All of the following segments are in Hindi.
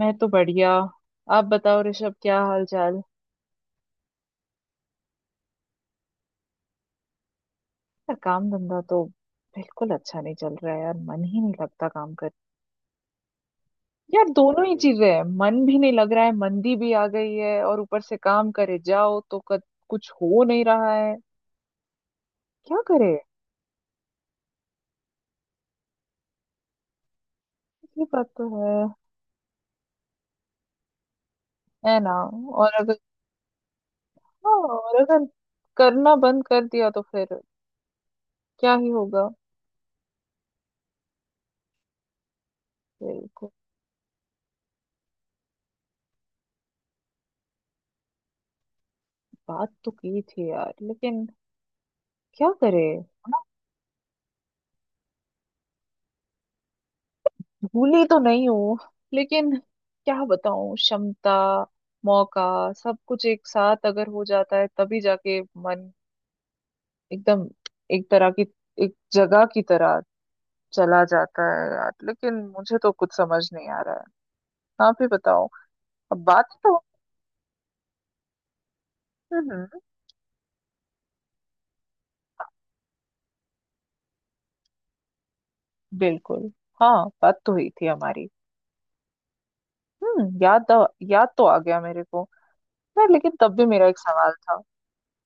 मैं तो बढ़िया। आप बताओ ऋषभ, क्या हाल चाल? यार काम धंधा तो बिल्कुल अच्छा नहीं चल रहा है यार, मन ही नहीं लगता काम कर। यार दोनों ही चीजें हैं, मन भी नहीं लग रहा है, मंदी भी आ गई है और ऊपर से काम करे जाओ तो कुछ हो नहीं रहा है। क्या करे? ये बात तो है। है ना? और अगर हाँ, और अगर करना बंद कर दिया तो फिर क्या ही होगा। बिल्कुल। बात तो की थी यार, लेकिन क्या करे? भूली तो नहीं हूँ, लेकिन क्या बताऊँ, क्षमता, मौका, सब कुछ एक साथ अगर हो जाता है तभी जाके मन एकदम एक तरह की, एक जगह की तरह चला जाता है यार, लेकिन मुझे तो कुछ समझ नहीं आ रहा है। आप ही बताओ। अब बात तो... हम्म, हम्म। बिल्कुल। हाँ, बात तो हुई थी हमारी। हम्म, याद याद तो आ गया मेरे को। यार लेकिन तब भी मेरा एक सवाल था।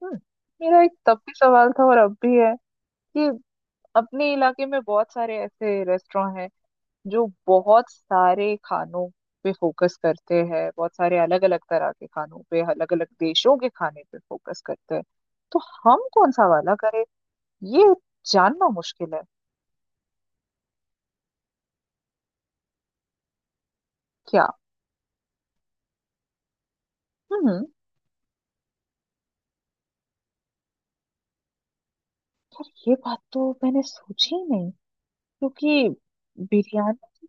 हम्म। मेरा एक तब भी सवाल था और अब भी है। कि अपने इलाके में बहुत सारे ऐसे रेस्टोरेंट हैं जो बहुत सारे खानों पे फोकस करते हैं, बहुत सारे अलग अलग तरह के खानों पे, अलग अलग देशों के खाने पे फोकस करते हैं। तो हम कौन सा वाला करें? ये जानना मुश्किल है। क्या? हम्म। यार ये बात तो मैंने सोची ही नहीं, क्योंकि बिरयानी...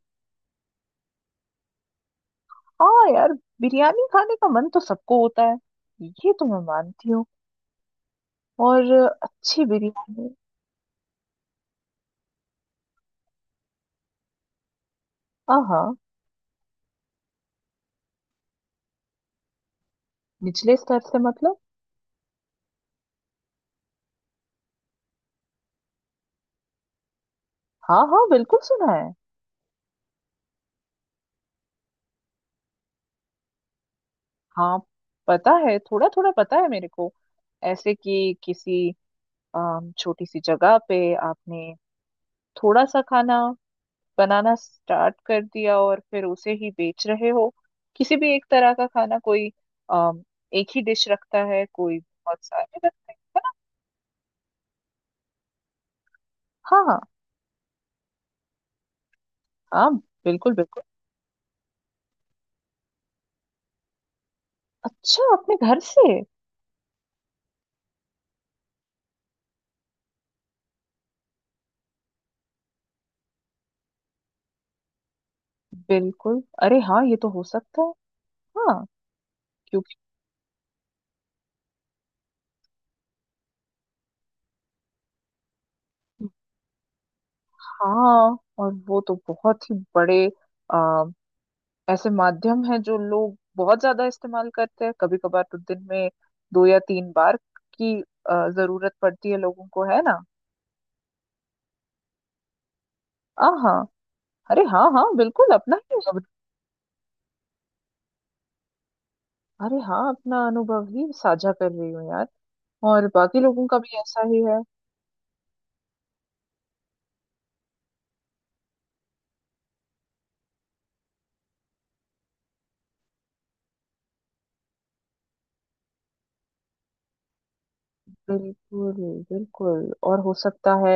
हाँ यार, बिरयानी खाने का मन तो सबको होता है, ये तो मैं मानती हूँ। और अच्छी बिरयानी... हाँ हाँ। निचले स्तर से मतलब? हाँ हाँ बिल्कुल सुना है। हाँ, पता है, थोड़ा थोड़ा पता है मेरे को। ऐसे कि किसी छोटी सी जगह पे आपने थोड़ा सा खाना बनाना स्टार्ट कर दिया और फिर उसे ही बेच रहे हो। किसी भी एक तरह का खाना, कोई अम, एक ही डिश रखता है, कोई बहुत सारे हाँ हाँ। हाँ बिल्कुल बिल्कुल। अच्छा, अपने घर से? बिल्कुल, अरे हाँ ये तो हो सकता है। हाँ। क्योंकि... हाँ, और वो तो बहुत ही बड़े ऐसे माध्यम हैं जो लोग बहुत ज्यादा इस्तेमाल करते हैं, कभी कभार तो दिन में दो या तीन बार की जरूरत पड़ती है लोगों को, है ना? आ हाँ। अरे हाँ हाँ बिल्कुल, अपना ही अरे हाँ, अपना अनुभव ही साझा कर रही हूँ यार। और बाकी लोगों का भी ऐसा ही है। बिल्कुल। बिल्कुल, और हो सकता है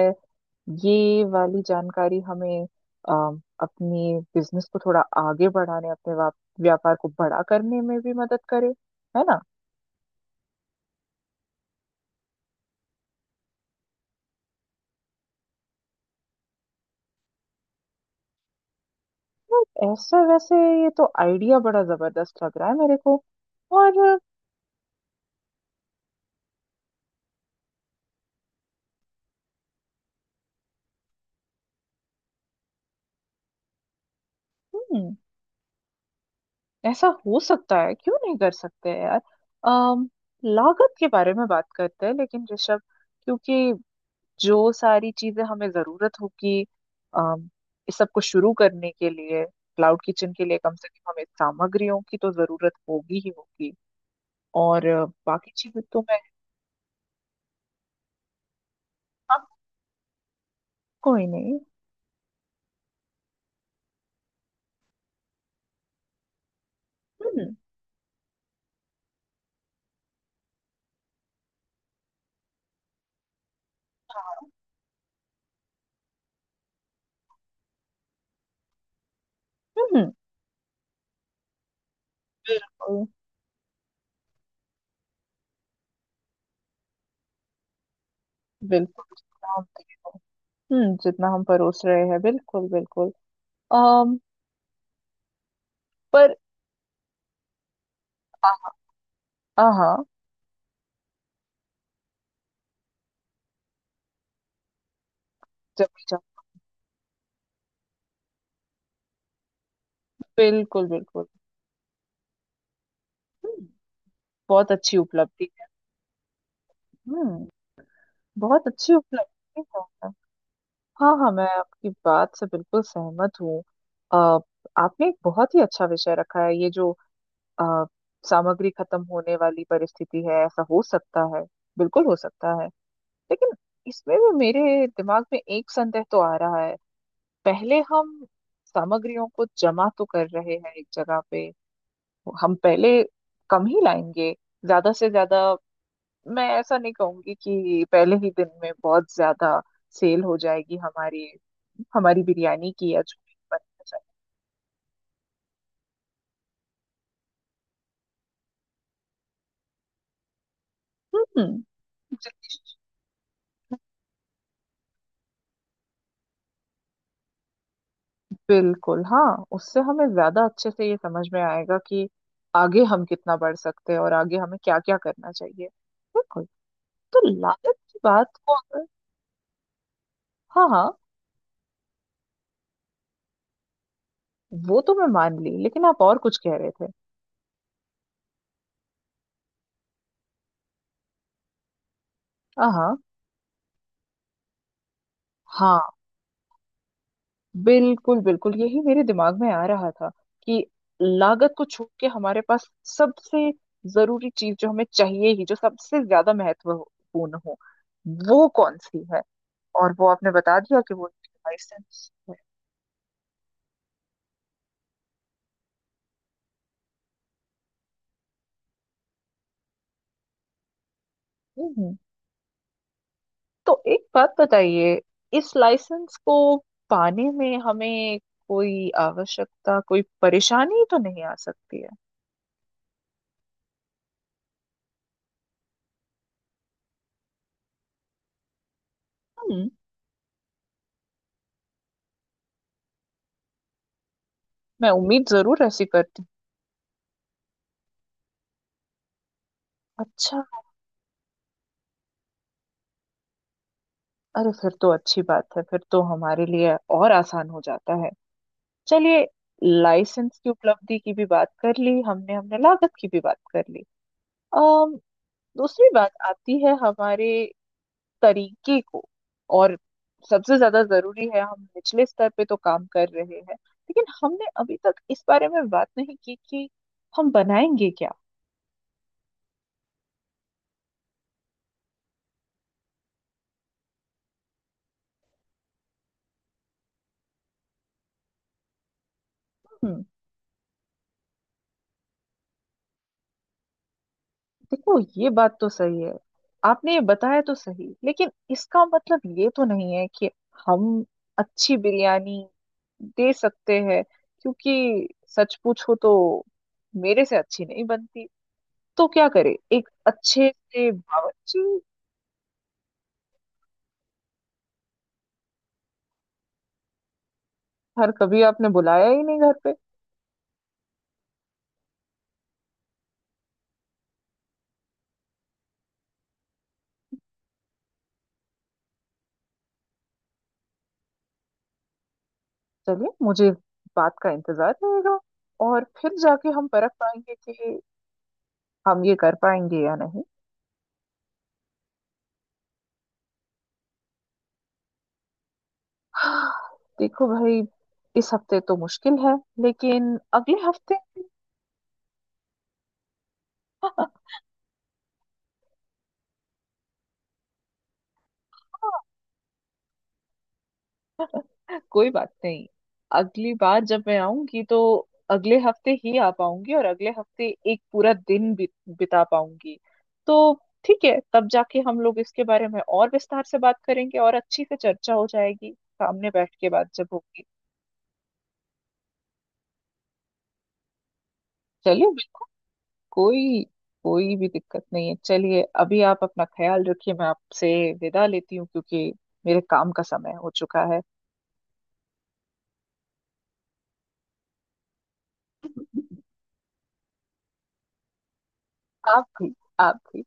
ये वाली जानकारी हमें अ, अपनी बिजनेस को थोड़ा आगे बढ़ाने, अपने व्यापार को बड़ा करने में भी मदद करे। है ना? ऐसा वैसे, ये तो आइडिया बड़ा जबरदस्त लग रहा है मेरे को। और... हम्म। ऐसा हो सकता है, क्यों नहीं कर सकते हैं यार। अम लागत के बारे में बात करते हैं लेकिन ऋषभ, क्योंकि जो सारी चीजें हमें जरूरत होगी अम इस सब को शुरू करने के लिए, क्लाउड किचन के लिए, कम से कम हमें सामग्रियों की तो जरूरत होगी ही होगी। और बाकी चीजें तो मैं... हाँ। कोई नहीं। हम्म, हम्म। बिल्कुल बिल्कुल। हम्म, जितना हम परोस रहे हैं, बिल्कुल बिल्कुल। अम पर... हाँ हाँ। जब भी जाओ, बिल्कुल बिल्कुल। हम्म। बहुत अच्छी उपलब्धि है। हम्म। बहुत अच्छी उपलब्धि है। हाँ हाँ, मैं आपकी बात से बिल्कुल सहमत हूँ। अ, आपने एक बहुत ही अच्छा विषय रखा है, ये जो अ, सामग्री खत्म होने वाली परिस्थिति है, ऐसा हो सकता है, बिल्कुल हो सकता है। लेकिन इसमें भी मेरे दिमाग में एक संदेह तो आ रहा है। पहले हम सामग्रियों को जमा तो कर रहे हैं एक जगह पे। हम पहले कम ही लाएंगे, ज्यादा से ज्यादा। मैं ऐसा नहीं कहूंगी कि पहले ही दिन में बहुत ज्यादा सेल हो जाएगी हमारी, हमारी बिरयानी की या जो भी बनना चाहिए। हम्म। बिल्कुल। हाँ, उससे हमें ज्यादा अच्छे से ये समझ में आएगा कि आगे हम कितना बढ़ सकते हैं और आगे हमें क्या क्या करना चाहिए। बिल्कुल। तो लागत की बात को अगर... हाँ हाँ, वो तो मैं मान ली, लेकिन आप और कुछ कह रहे थे। हाँ हाँ, बिल्कुल बिल्कुल, यही मेरे दिमाग में आ रहा था, कि लागत को छोड़ के हमारे पास सबसे जरूरी चीज जो हमें चाहिए ही, जो सबसे ज्यादा महत्वपूर्ण हो, वो कौन सी है। और वो आपने बता दिया कि वो लाइसेंस है। हम्म, तो एक बात बताइए, इस लाइसेंस को पाने में हमें कोई आवश्यकता, कोई परेशानी तो नहीं आ सकती है? हम्म। मैं उम्मीद जरूर ऐसी करती। अच्छा। अरे फिर तो अच्छी बात है, फिर तो हमारे लिए और आसान हो जाता है। चलिए, लाइसेंस की उपलब्धि की भी बात कर ली हमने, हमने लागत की भी बात कर ली। अम दूसरी बात आती है हमारे तरीके को। और सबसे ज्यादा जरूरी है, हम निचले स्तर पे तो काम कर रहे हैं लेकिन हमने अभी तक इस बारे में बात नहीं की कि हम बनाएंगे क्या। हम्म, देखो ये बात तो सही है। आपने ये बताया तो सही, लेकिन इसका मतलब ये तो नहीं है कि हम अच्छी बिरयानी दे सकते हैं। क्योंकि सच पूछो तो मेरे से अच्छी नहीं बनती, तो क्या करे? एक अच्छे से बावर्ची... हर कभी आपने बुलाया ही नहीं घर पे। चलिए, मुझे इस बात का इंतजार रहेगा, और फिर जाके हम परख पाएंगे कि हम ये कर पाएंगे या नहीं। देखो भाई, इस हफ्ते तो मुश्किल है, लेकिन अगले हफ्ते... हाँ, कोई बात नहीं, अगली बार जब मैं आऊंगी तो अगले हफ्ते ही आ पाऊंगी, और अगले हफ्ते एक पूरा दिन बिता पाऊंगी। तो ठीक है, तब जाके हम लोग इसके बारे में और विस्तार से बात करेंगे और अच्छी से चर्चा हो जाएगी, सामने बैठ के बात जब होगी। चलिए, बिल्कुल। कोई कोई भी दिक्कत नहीं है। चलिए, अभी आप अपना ख्याल रखिए, मैं आपसे विदा लेती हूँ, क्योंकि मेरे काम का समय हो चुका है। आप थी। आप थी।